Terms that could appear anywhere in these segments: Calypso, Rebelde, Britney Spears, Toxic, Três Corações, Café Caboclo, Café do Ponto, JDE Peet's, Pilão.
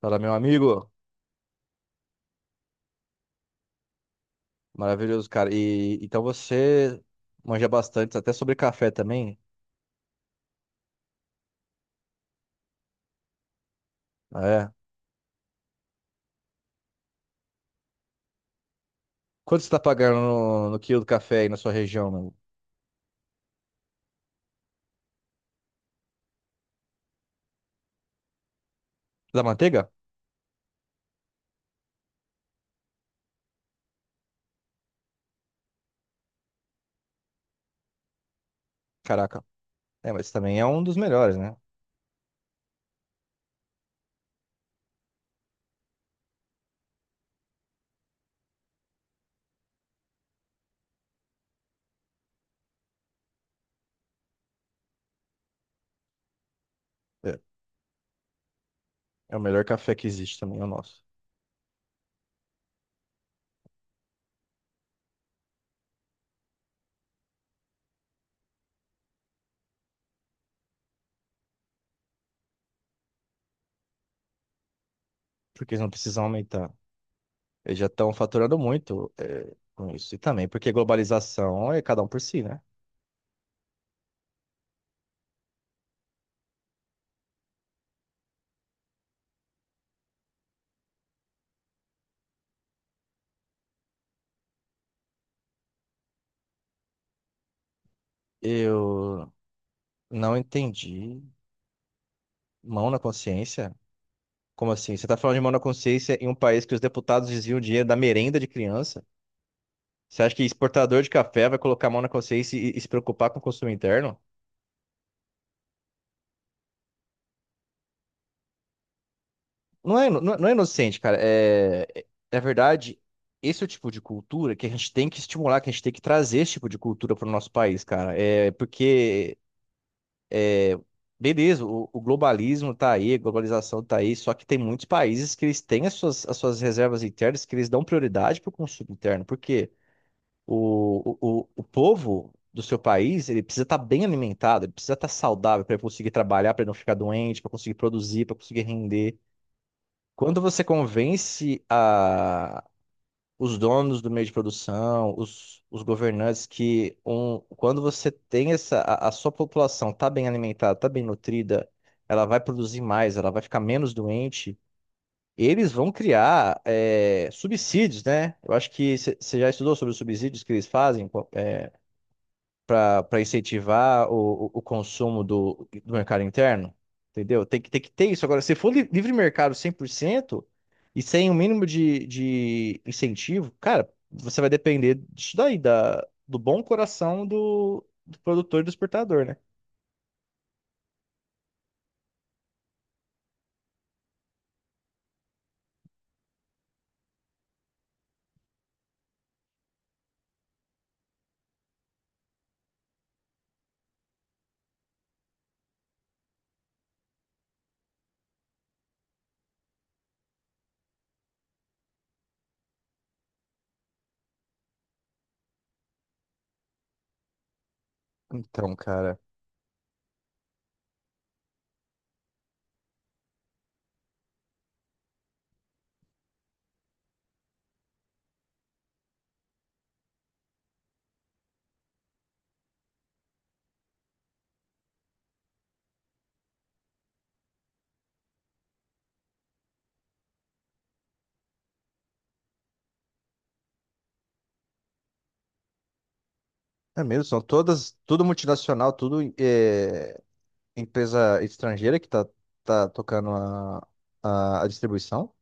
Fala, meu amigo. Maravilhoso, cara. E então você manja bastante, até sobre café também. Ah, É. Quanto você tá pagando no quilo do café aí na sua região? Da manteiga? Caraca. É, mas também é um dos melhores, né? É, é o melhor café que existe também, é o nosso. Porque eles não precisam aumentar. Eles já estão faturando muito, é, com isso. E também porque globalização é cada um por si, né? Eu não entendi. Mão na consciência. Como assim? Você está falando de mão na consciência em um país que os deputados desviam dinheiro da merenda de criança? Você acha que exportador de café vai colocar a mão na consciência e se preocupar com o consumo interno? Não é, não, é não é inocente, cara. Na verdade, esse é o tipo de cultura que a gente tem que estimular, que a gente tem que trazer esse tipo de cultura para o nosso país, cara. É porque, beleza, o globalismo tá aí, a globalização tá aí, só que tem muitos países que eles têm as suas reservas internas, que eles dão prioridade para o consumo interno. Por quê? O povo do seu país, ele precisa estar bem alimentado, ele precisa estar saudável para conseguir trabalhar, para não ficar doente, para conseguir produzir, para conseguir render. Quando você convence os donos do meio de produção, os governantes, que um, quando você tem a sua população está bem alimentada, está bem nutrida, ela vai produzir mais, ela vai ficar menos doente, eles vão criar subsídios, né? Eu acho que você já estudou sobre os subsídios que eles fazem. Pô, é, para incentivar o consumo do mercado interno, entendeu? Tem que ter isso. Agora, se for livre mercado 100% e sem o mínimo de incentivo, cara, você vai depender disso daí, do bom coração do produtor e do exportador, né? Então, cara, é mesmo, são todas, tudo multinacional, tudo é, empresa estrangeira que tá tocando a distribuição.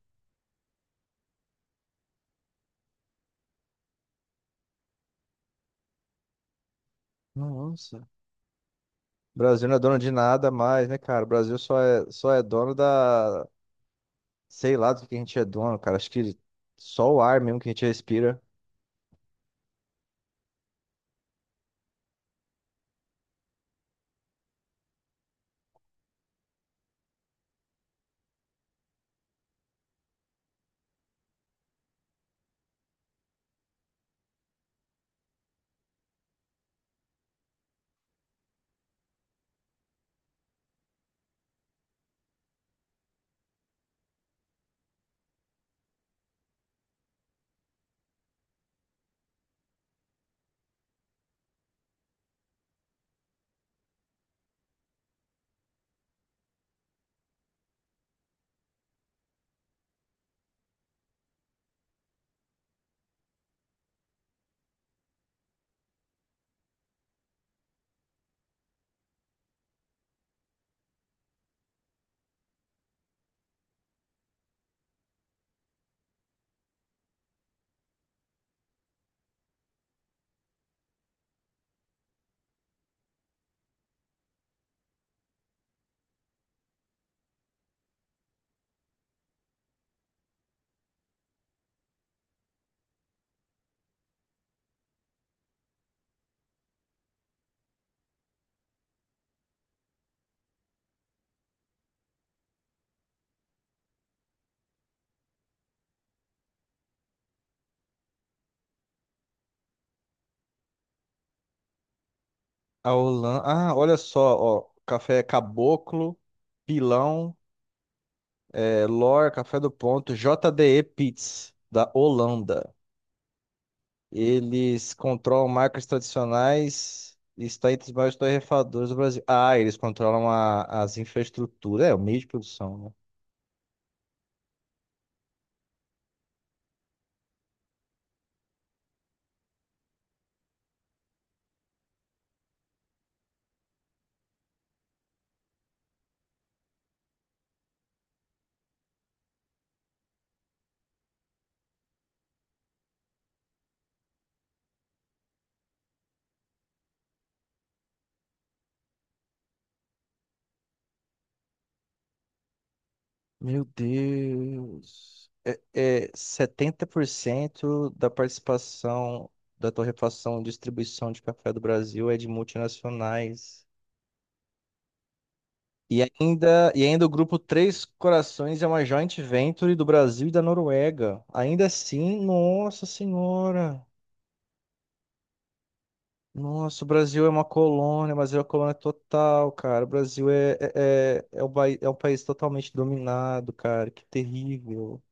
Nossa, o Brasil não é dono de nada mais, né, cara? O Brasil só é dono da. Sei lá do que a gente é dono, cara. Acho que só o ar mesmo que a gente respira. A Holanda. Ah, olha só, ó. Café Caboclo, Pilão, Lor, Café do Ponto, JDE Peet's, da Holanda. Eles controlam marcas tradicionais e está entre os maiores torrefadores do Brasil. Ah, eles controlam as infraestruturas, é, o meio de produção, né? Meu Deus. É, é 70% da participação da torrefação e distribuição de café do Brasil é de multinacionais. E ainda o grupo Três Corações é uma joint venture do Brasil e da Noruega. Ainda assim, nossa senhora. Nossa, o Brasil é uma colônia, mas é uma colônia total, cara. O Brasil é um é um país totalmente dominado, cara. Que terrível.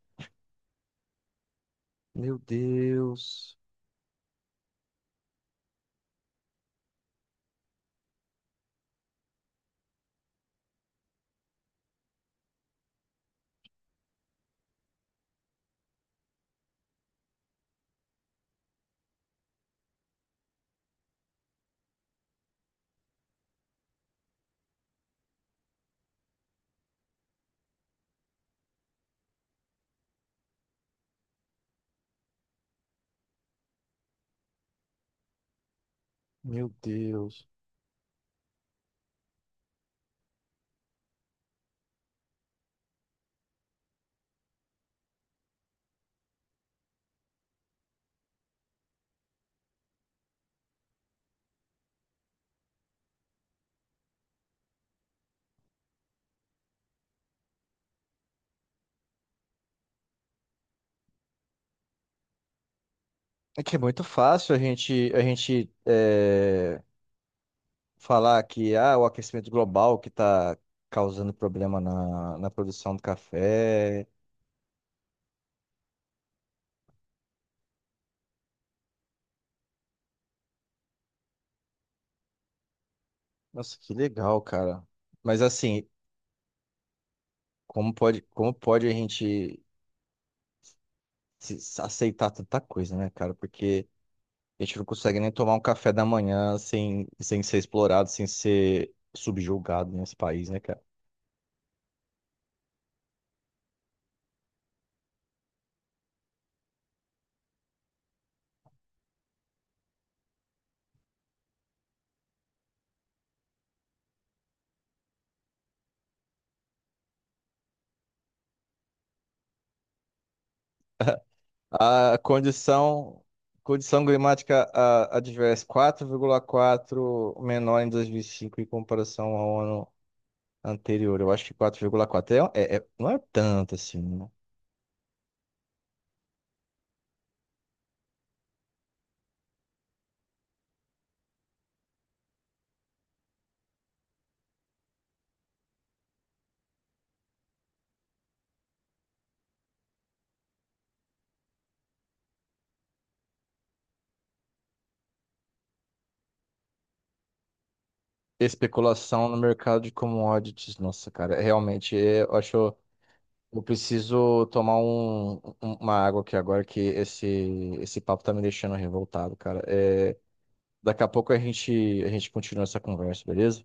Meu Deus. Meu Deus. É que é muito fácil a gente falar que o aquecimento global que está causando problema na produção do café. Nossa, que legal, cara. Mas assim, como pode a gente se aceitar tanta coisa, né, cara? Porque a gente não consegue nem tomar um café da manhã sem ser explorado, sem ser subjugado nesse país, né, cara? A condição, Condição climática adversa 4,4 menor em 2005 em comparação ao ano anterior. Eu acho que 4,4 não é tanto assim, né? Especulação no mercado de commodities. Nossa, cara, é realmente eu acho. Eu preciso tomar uma água aqui agora que esse papo tá me deixando revoltado, cara. É, daqui a pouco a gente continua essa conversa, beleza?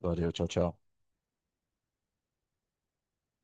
Valeu, tchau, tchau.